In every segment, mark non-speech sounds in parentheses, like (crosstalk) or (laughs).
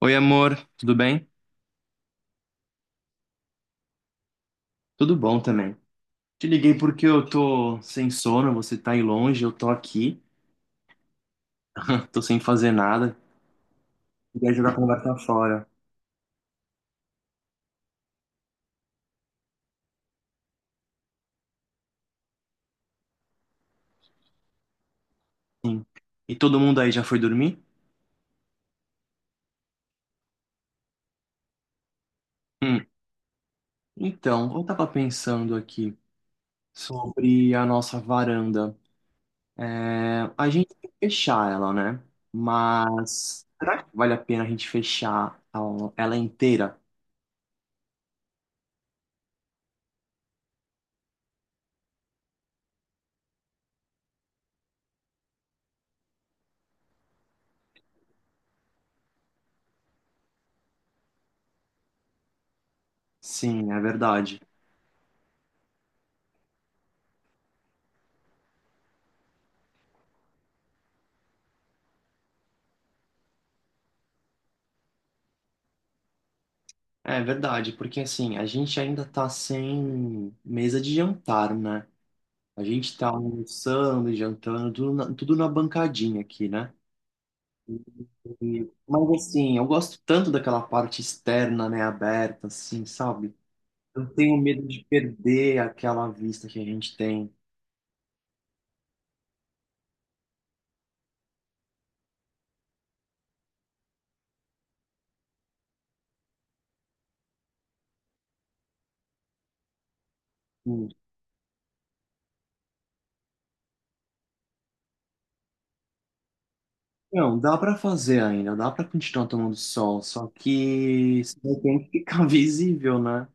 Oi, amor, tudo bem? Tudo bom também. Te liguei porque eu tô sem sono, você tá aí longe, eu tô aqui, tô sem fazer nada. Queria jogar a conversa fora. Sim. E todo mundo aí já foi dormir? Hum. Então, eu tava pensando aqui sobre a nossa varanda. É, a gente tem que fechar ela, né? Mas será que vale a pena a gente fechar ela inteira? Sim, é verdade. É verdade, porque assim, a gente ainda tá sem mesa de jantar, né? A gente tá almoçando, e jantando, tudo na bancadinha aqui, né? Mas assim, eu gosto tanto daquela parte externa, né, aberta, assim, sabe? Eu tenho medo de perder aquela vista que a gente tem. Hum. Não, dá pra fazer ainda, dá pra continuar tomando sol, só que isso daí tem que ficar (laughs) visível, né?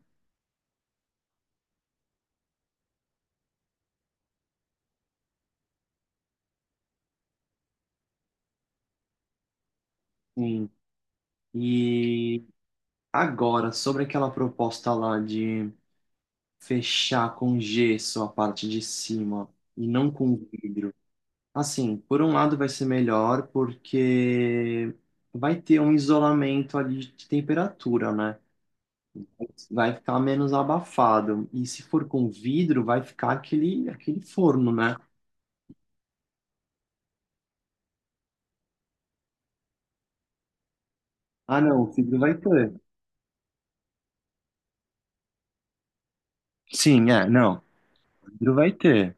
Sim. E agora, sobre aquela proposta lá de fechar com gesso a parte de cima e não com vidro. Assim, por um lado vai ser melhor porque vai ter um isolamento ali de temperatura, né? Vai ficar menos abafado. E se for com vidro, vai ficar aquele forno, né? Ah, não, o vidro vai ter. Sim, é, não. O vidro vai ter.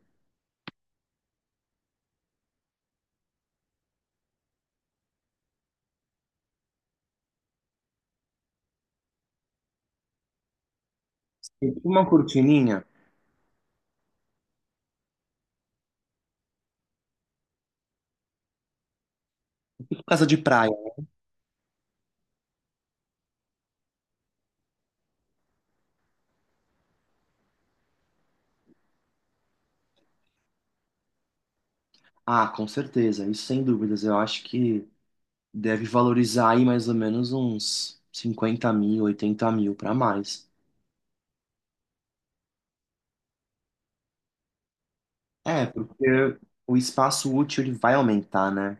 E uma cortininha, e casa de praia. Ah, com certeza, isso sem dúvidas. Eu acho que deve valorizar aí mais ou menos uns 50 mil, 80 mil para mais. É, porque o espaço útil ele vai aumentar, né?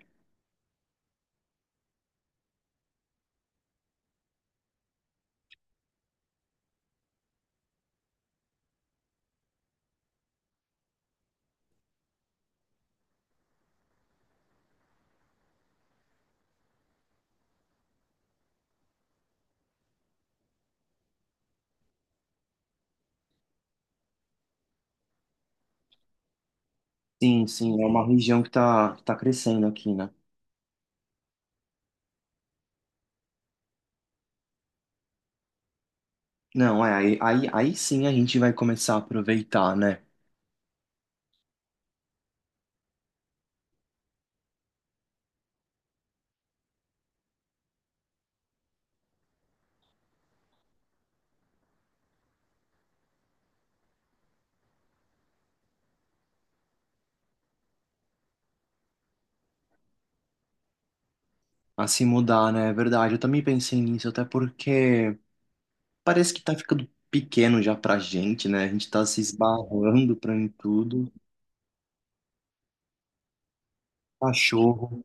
Sim, sim, é uma região que tá crescendo aqui, né? Não, é, aí sim a gente vai começar a aproveitar, né? A se mudar, né? É verdade, eu também pensei nisso, até porque parece que tá ficando pequeno já pra gente, né? A gente tá se esbarrando pra em tudo. Cachorro,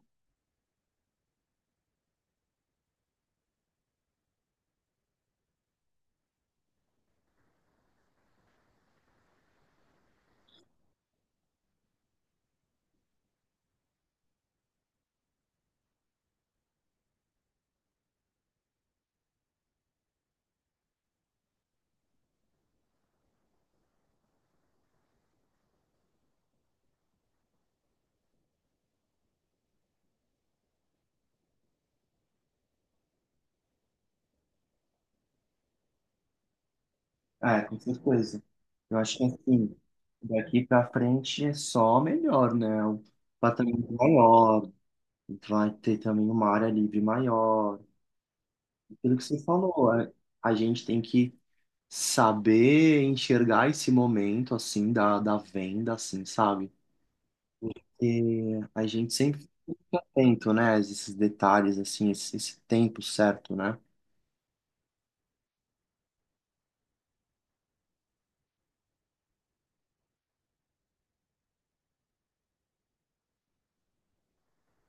ah, é, com certeza. Eu acho que assim, daqui pra frente é só melhor, né? O patamar é maior, vai ter também uma área livre maior. Aquilo que você falou, a gente tem que saber enxergar esse momento, assim, da venda, assim, sabe? E a gente sempre fica atento, né, a esses detalhes, assim, esse tempo certo, né?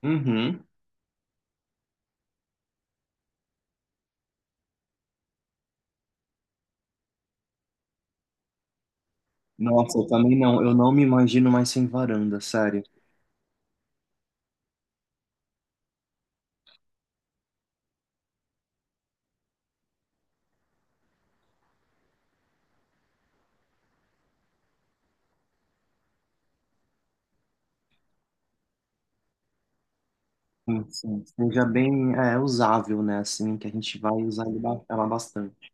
Uhum. Nossa, eu também não. Eu não me imagino mais sem varanda, sério. Sim, sim, seja bem é, usável, né? Assim, que a gente vai usar ela bastante.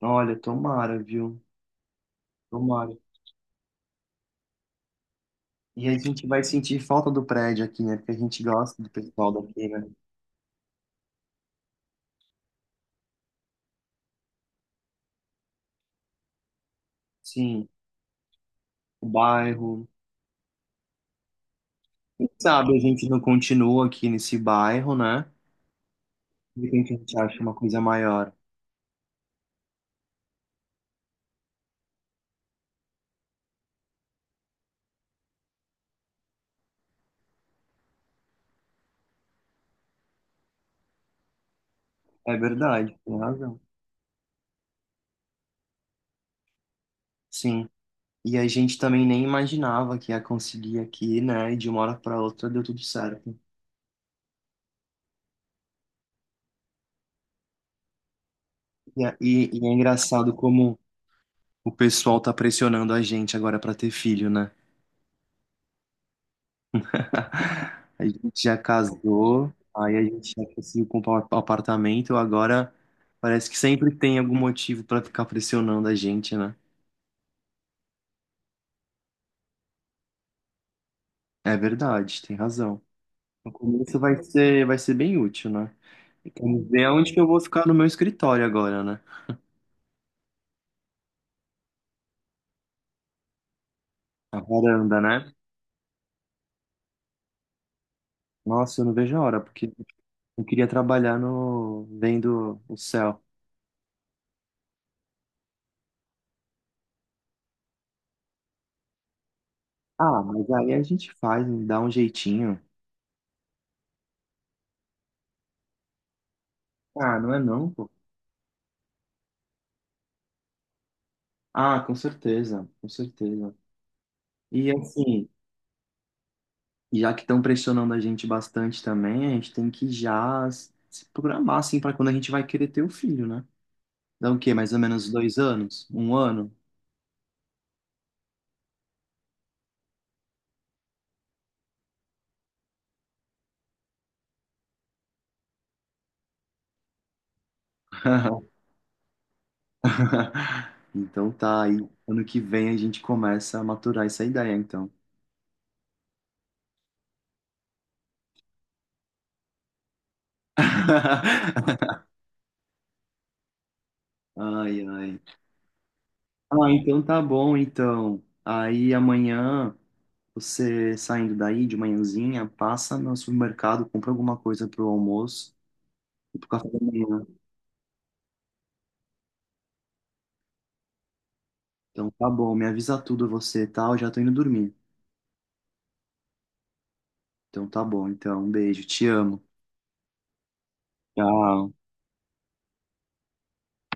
Olha, tomara, viu? Tomara. E a gente vai sentir falta do prédio aqui, né? Porque a gente gosta do pessoal daqui, né? Sim, o bairro. Quem sabe a gente não continua aqui nesse bairro, né? De repente a gente acha uma coisa maior. É verdade, tem razão. Sim. E a gente também nem imaginava que ia conseguir aqui, né? E de uma hora para outra deu tudo certo. E é engraçado como o pessoal tá pressionando a gente agora pra ter filho, né? (laughs) A gente já casou, aí a gente já conseguiu comprar um apartamento, agora parece que sempre tem algum motivo pra ficar pressionando a gente, né? É verdade, tem razão. No começo vai ser bem útil, né? E vamos ver onde que eu vou ficar no meu escritório agora, né? A varanda, né? Nossa, eu não vejo a hora, porque eu queria trabalhar no vendo o céu. Ah, mas aí a gente faz, dá um jeitinho. Ah, não é não, pô. Ah, com certeza, com certeza. E assim, já que estão pressionando a gente bastante também, a gente tem que já se programar, assim, para quando a gente vai querer ter o filho, né? Dá o quê? Mais ou menos 2 anos? Um ano? (laughs) Então tá, aí ano que vem a gente começa a maturar essa ideia, então. (laughs) Ai, ai. Ah, então tá bom, então. Aí amanhã. Você saindo daí de manhãzinha, passa no supermercado, compra alguma coisa pro almoço e pro café da manhã. Então tá bom, me avisa tudo você, tá? Eu já tô indo dormir. Então tá bom, então, um beijo, te amo. Tchau.